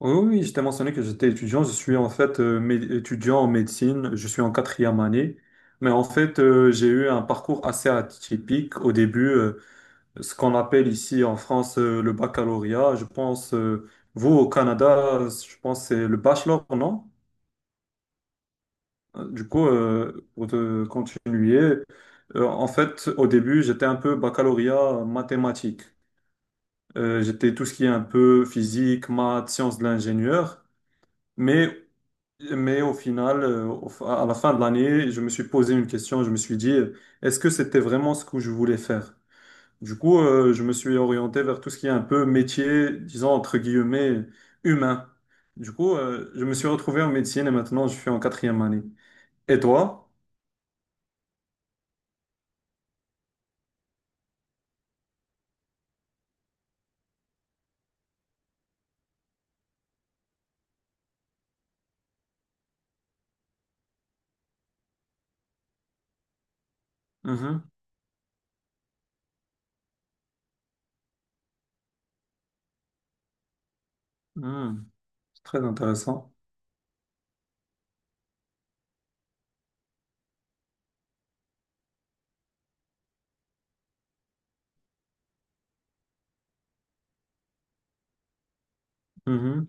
Oui, oui, je t'ai mentionné que j'étais étudiant. Je suis en fait étudiant en médecine. Je suis en quatrième année. Mais en fait, j'ai eu un parcours assez atypique. Au début, ce qu'on appelle ici en France le baccalauréat. Je pense, vous au Canada, je pense que c'est le bachelor, non? Du coup, pour te continuer, en fait, au début, j'étais un peu baccalauréat mathématique. J'étais tout ce qui est un peu physique, maths, sciences de l'ingénieur. Mais Mais au final, à la fin de l'année, je me suis posé une question. Je me suis dit, est-ce que c'était vraiment ce que je voulais faire? Du coup, je me suis orienté vers tout ce qui est un peu métier, disons entre guillemets, humain. Du coup, je me suis retrouvé en médecine et maintenant je suis en quatrième année. Et toi? Mhm, mhm. C'est très intéressant. Mhm,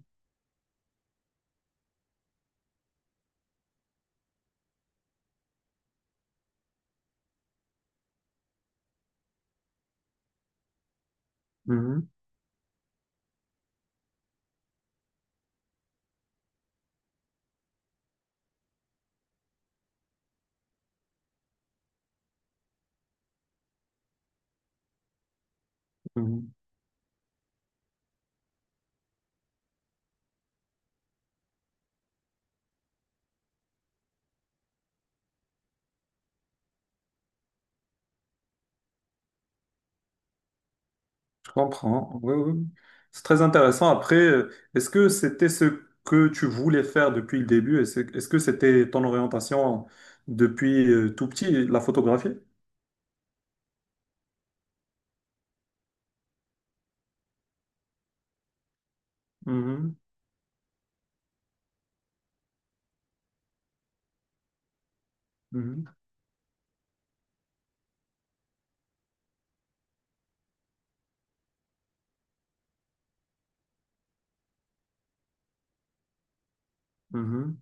mhm, mhm. Je comprends. Oui, oui. C'est très intéressant. Après, est-ce que c'était ce que tu voulais faire depuis le début? Est-ce que c'était ton orientation depuis tout petit, la photographie? Mhm, mhm, mhm,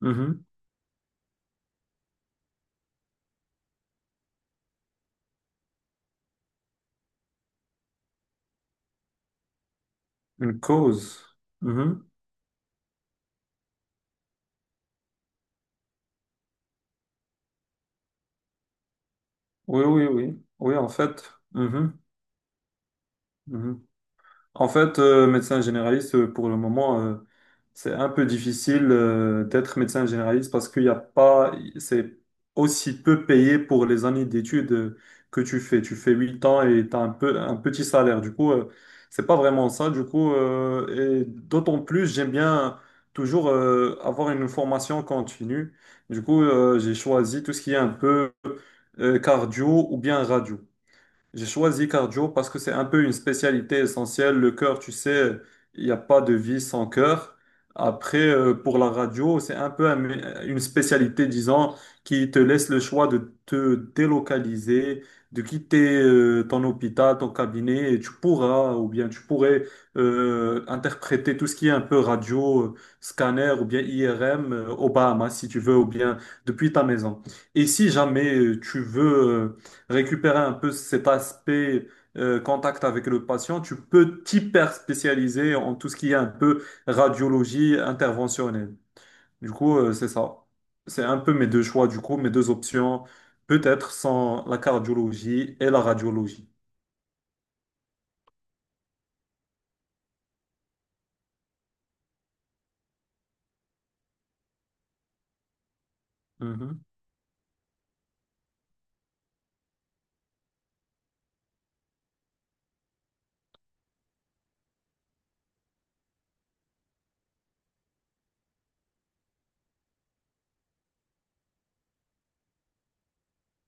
mhm. Une cause. Mhm. Oui, oui, oui. Oui, en fait. Mhm, mhm. En fait, médecin généraliste, pour le moment, c'est un peu difficile d'être médecin généraliste parce qu'il n'y a pas, c'est aussi peu payé pour les années d'études que tu fais. Tu fais 8 ans et tu as un peu, un petit salaire. Du coup, c'est pas vraiment ça. Du coup, et d'autant plus, j'aime bien toujours avoir une formation continue. Du coup, j'ai choisi tout ce qui est un peu cardio ou bien radio. J'ai choisi cardio parce que c'est un peu une spécialité essentielle. Le cœur, tu sais, il n'y a pas de vie sans cœur. Après, pour la radio, c'est un peu une spécialité, disons, qui te laisse le choix de te délocaliser, de quitter ton hôpital, ton cabinet, et tu pourras, ou bien tu pourrais interpréter tout ce qui est un peu radio, scanner, ou bien IRM, aux Bahamas, si tu veux, ou bien depuis ta maison. Et si jamais tu veux récupérer un peu cet aspect contact avec le patient, tu peux t'hyper spécialiser en tout ce qui est un peu radiologie interventionnelle. Du coup, c'est ça. C'est un peu mes deux choix, du coup, mes deux options, peut-être sans la cardiologie et la radiologie. Mhm.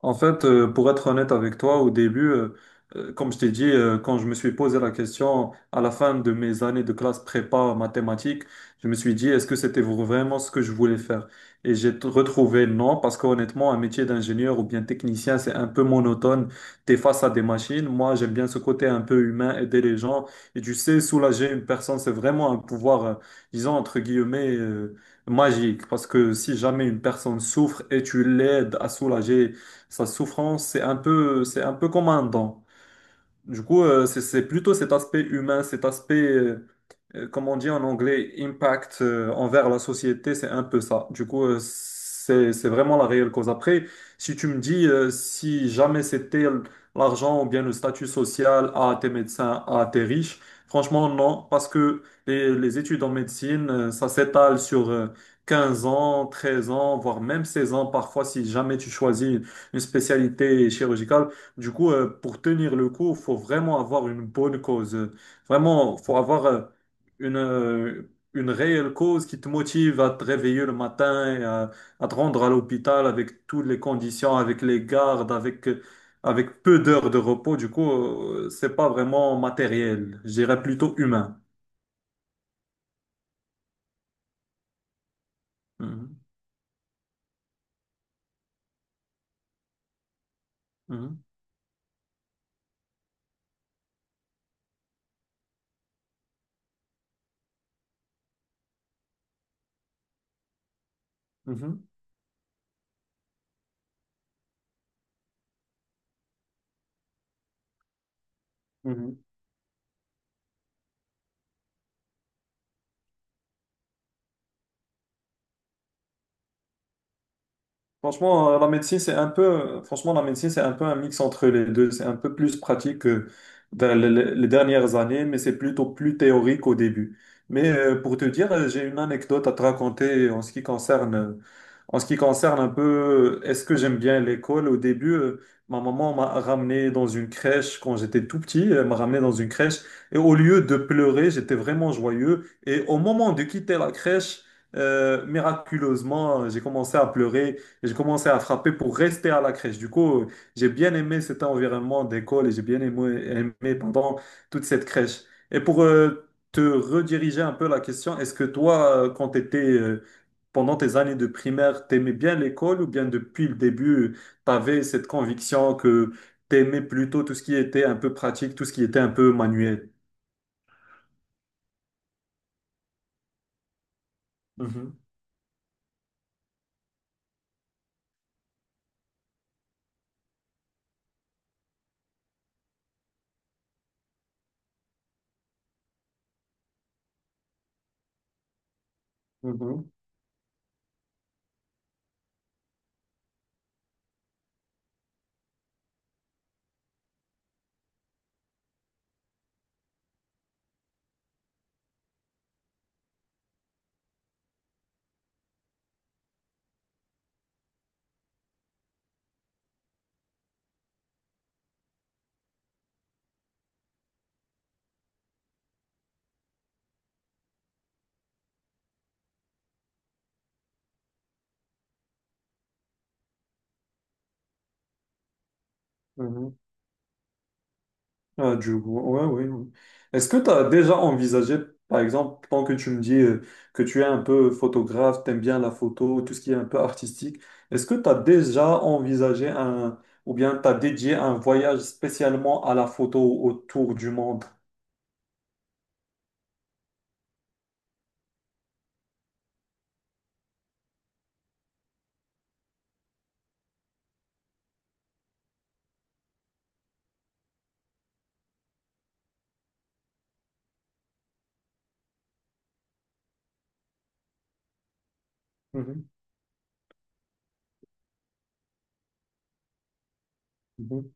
En fait, pour être honnête avec toi, au début, comme je t'ai dit, quand je me suis posé la question à la fin de mes années de classe prépa mathématiques, je me suis dit, est-ce que c'était vraiment ce que je voulais faire? Et j'ai retrouvé non, parce qu'honnêtement, un métier d'ingénieur ou bien technicien, c'est un peu monotone. Tu es face à des machines. Moi, j'aime bien ce côté un peu humain, aider les gens. Et tu sais, soulager une personne, c'est vraiment un pouvoir, disons, entre guillemets, magique. Parce que si jamais une personne souffre et tu l'aides à soulager, sa souffrance, c'est un peu comme un don. Du coup, c'est plutôt cet aspect humain, cet aspect comme on dit en anglais, impact envers la société, c'est un peu ça. Du coup, c'est vraiment la réelle cause. Après, si tu me dis si jamais l'argent ou bien le statut social à tes médecins, à tes riches, franchement, non, parce que les études en médecine, ça s'étale sur 15 ans, 13 ans, voire même 16 ans parfois si jamais tu choisis une spécialité chirurgicale. Du coup, pour tenir le coup, il faut vraiment avoir une bonne cause. Vraiment, faut avoir une réelle cause qui te motive à te réveiller le matin, et à te rendre à l'hôpital avec toutes les conditions, avec les gardes, avec, avec peu d'heures de repos. Du coup, c'est pas vraiment matériel, je dirais plutôt humain. Mhm, mhm, mhm, mhm. Franchement, la médecine, c'est un peu, franchement, la médecine, c'est un peu un mix entre les deux. C'est un peu plus pratique que dans les dernières années, mais c'est plutôt plus théorique au début. Mais pour te dire, j'ai une anecdote à te raconter en ce qui concerne, en ce qui concerne un peu, est-ce que j'aime bien l'école? Au début, ma maman m'a ramené dans une crèche quand j'étais tout petit, elle m'a ramené dans une crèche et au lieu de pleurer, j'étais vraiment joyeux. Et au moment de quitter la crèche, miraculeusement, j'ai commencé à pleurer. Et j'ai commencé à frapper pour rester à la crèche. Du coup, j'ai bien aimé cet environnement d'école et j'ai bien aimé, aimé, pendant toute cette crèche. Et pour te rediriger un peu la question, est-ce que toi, quand tu étais, pendant tes années de primaire, t'aimais bien l'école ou bien depuis le début, tu avais cette conviction que t'aimais plutôt tout ce qui était un peu pratique, tout ce qui était un peu manuel? Mhm, mhm, mhm. Ah, du coup, ouais, ouais, ouais. Est-ce que tu as déjà envisagé, par exemple, tant que tu me dis que tu es un peu photographe, t'aimes bien la photo, tout ce qui est un peu artistique, est-ce que tu as déjà envisagé un, ou bien tu as dédié un voyage spécialement à la photo autour du monde? Mhm, mhm.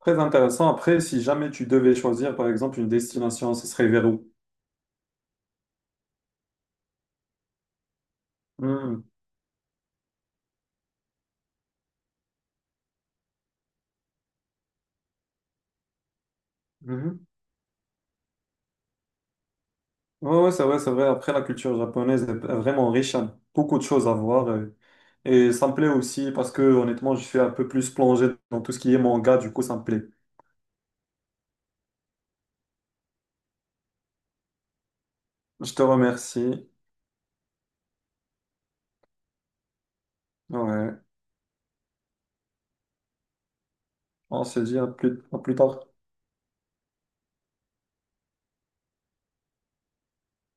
Très intéressant. Après, si jamais tu devais choisir, par exemple, une destination, ce serait vers où? Mhm, mhm. Ouais, ouais, c'est vrai, c'est vrai. Après, la culture japonaise est vraiment riche, il y a beaucoup de choses à voir. Et, ça me plaît aussi parce que, honnêtement, je suis un peu plus plongé dans tout ce qui est manga, du coup, ça me plaît. Je te remercie. Ouais, on se dit à plus tard.